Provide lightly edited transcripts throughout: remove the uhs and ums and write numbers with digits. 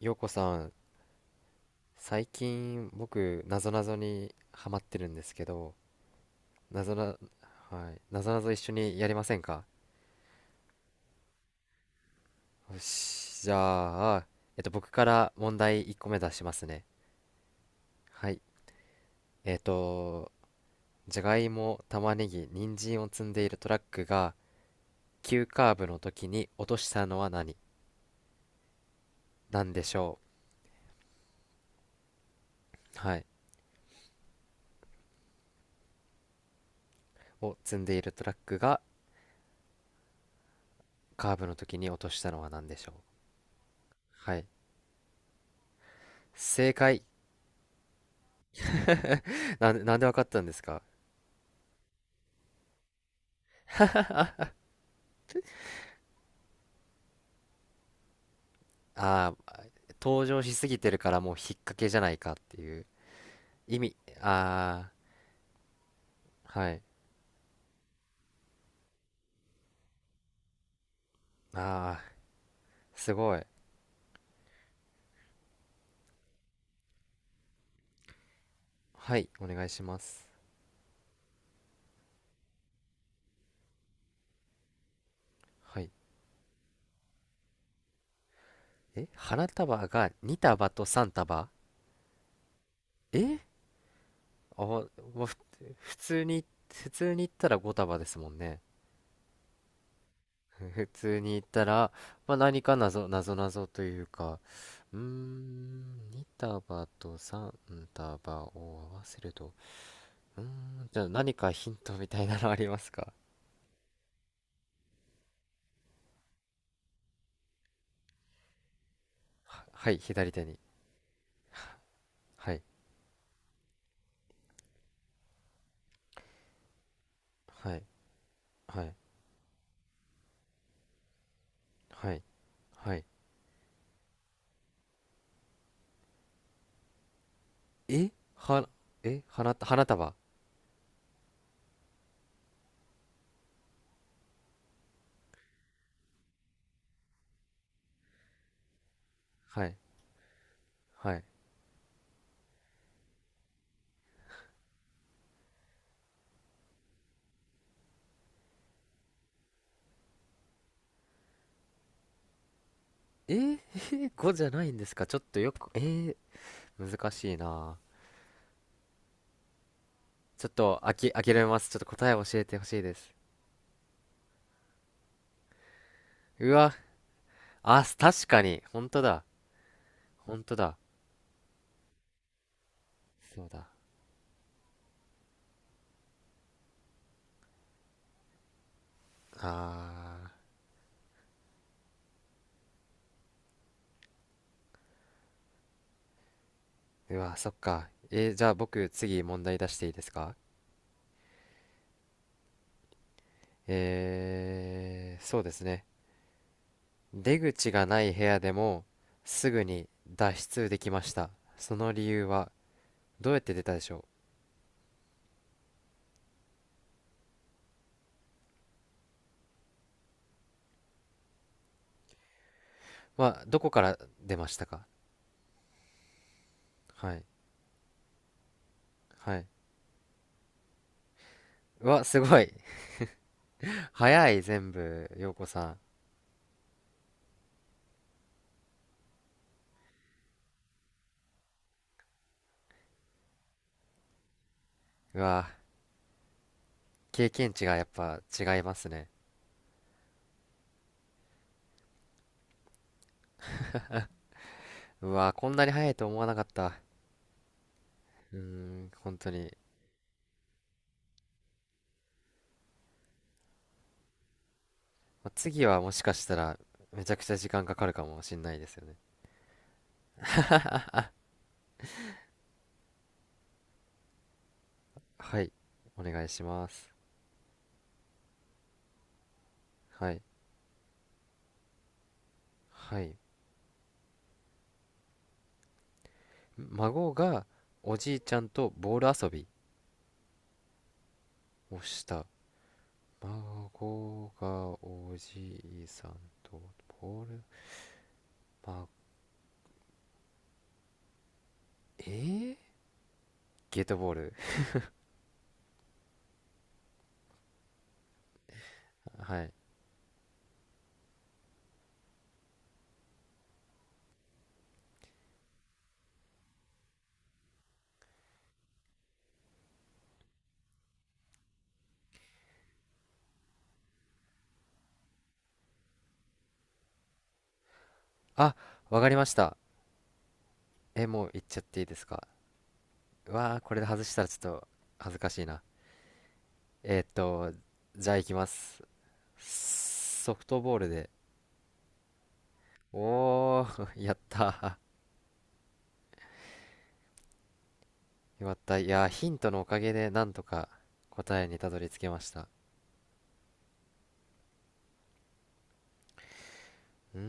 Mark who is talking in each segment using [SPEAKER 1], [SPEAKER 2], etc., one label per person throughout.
[SPEAKER 1] ようこさん、最近僕なぞなぞにハマってるんですけど、なぞな、はい、なぞなぞ一緒にやりませんか？よし、じゃあ、僕から問題1個目出しますね。はい。えっと、じゃがいも、玉ねぎ、人参を積んでいるトラックが、急カーブの時に落としたのは何なんでしょう？はい。を積んでいるトラックが、カーブの時に落としたのは何でしょう？はい。正解。なんでわかったんですか？ああー、登場しすぎてるからもう引っ掛けじゃないかっていう意味。ああ、はい。ああ、すごい。はい、お願いします。はい。え、花束が2束と3束え、あ、まあ、普通に、普通に言ったら5束ですもんね。普通に言ったら、まあ、何か謎というか、うーん、2束と3束を合わせると、うーん、じゃあ何かヒントみたいなのありますか？はい、左手に。ははい、はい、はい、はい、はい。えは、花束。はい、はい。えー、5じゃないんですか？ちょっとよく、えー、難しいな。ちょっと諦めます。ちょっと答え教えてほしいです。うわ、あ、確かに。本当だ。本当だ。そうだ。あー、うわ、そっか。えー、じゃあ僕、次問題出していいですか？えー、そうですね。出口がない部屋でもすぐに脱出できました。その理由はどうやって出たでしょう？は、どこから出ましたか？はい。はい。うわ、すごい。早い、全部、陽子さん。うわ、経験値がやっぱ違いますね。うわ、こんなに早いと思わなかった。うーん、本当に。まあ次はもしかしたらめちゃくちゃ時間かかるかもしんないですよね。はい。お願いします。はい。はい。孫がおじいちゃんとボール遊びをした。孫がおじいさんとボール、ま、えー、ゲートボール。 はい。あ、わかりました。え、もう言っちゃっていいですか？うわあ、これで外したらちょっと恥ずかしいな。えーっと、じゃあ行きます。ソフトボールで。おお。 やったー、よかった。いやー、ヒントのおかげでなんとか答えにたどり着けました。うー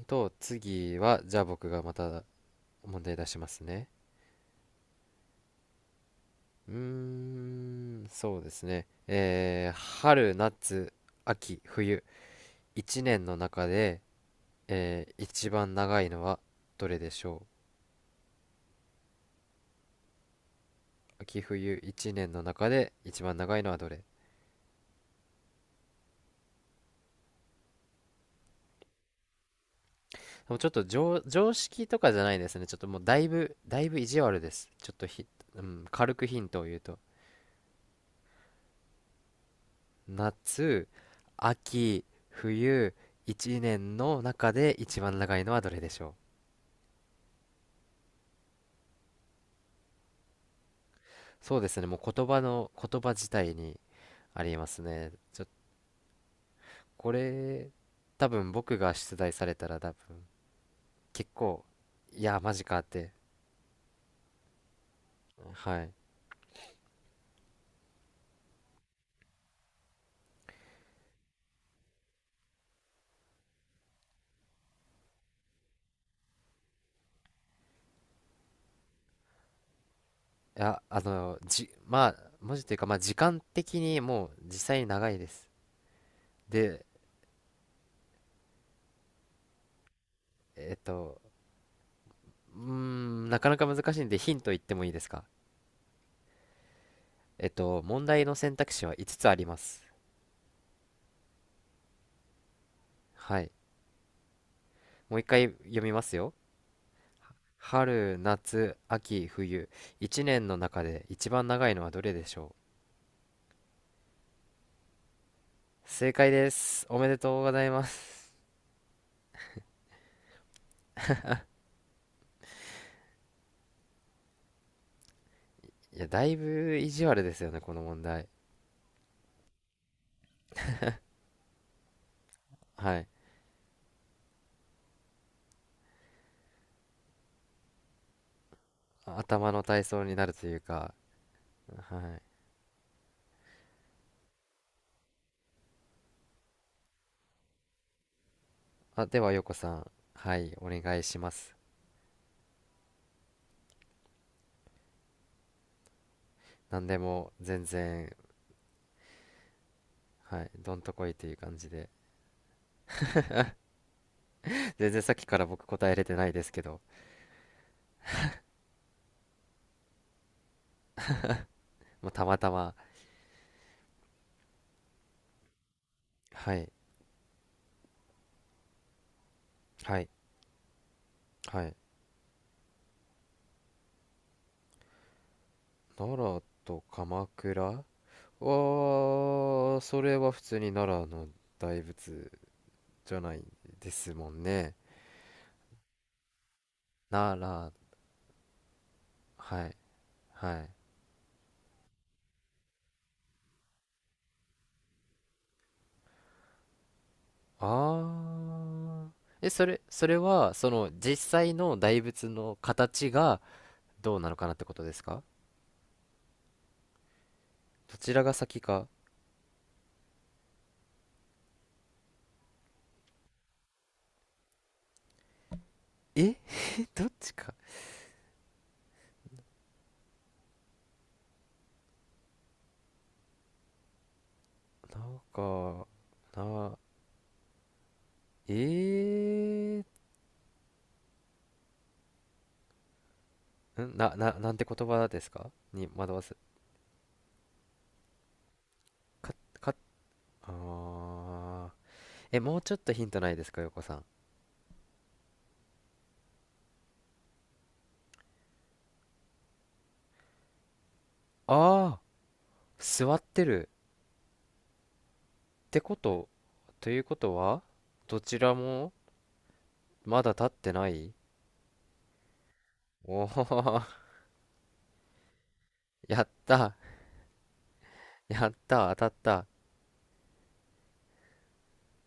[SPEAKER 1] 次は、じゃあ僕がまた問題出しますね。うーん、そうですね。えー、春、夏、秋、冬、一年の中で、えー、一番長いのはどれでしょう？秋、冬、一年の中で一番長いのはどれ？もうちょっと常識とかじゃないですね。ちょっともうだいぶ意地悪です。ちょっとひ、うん、軽くヒントを言うと。夏、秋、冬、一年の中で一番長いのはどれでしょう？そうですね、もう言葉の、言葉自体にありますね。これ、多分僕が出題されたら結構、いや、マジかって、はい。いや、まあ、文字というか、まあ、時間的にもう実際に長いです。で、えっと、うーん、なかなか難しいんでヒント言ってもいいですか？問題の選択肢は5つつあります。はい。もう一回読みますよ。春、夏、秋、冬。一年の中で一番長いのはどれでしょう？正解です。おめでとうございます。いや、だいぶ意地悪ですよね、この問題。はい。頭の体操になるというか。はい。あ、では、よこさん。はい、お願いします。何でも全然、はい、どんとこいという感じで。全然さっきから僕答えれてないですけど、まあ、たまたま。はい、はい、はい。奈良と鎌倉、ああ、それは普通に奈良の大仏じゃないですもんね。奈良、はい、はい。ああ、え、それは、その実際の大仏の形がどうなのかなってことですか？どちらが先か。え、どっちか。なんか、な、えー、なんて言葉ですか？に惑わす。か、か、ああ、え、もうちょっとヒントないですか、横さん。ああ、座ってる。ってこと、ということは、どちらもまだ立ってない。おお。 やった、やった、当たった。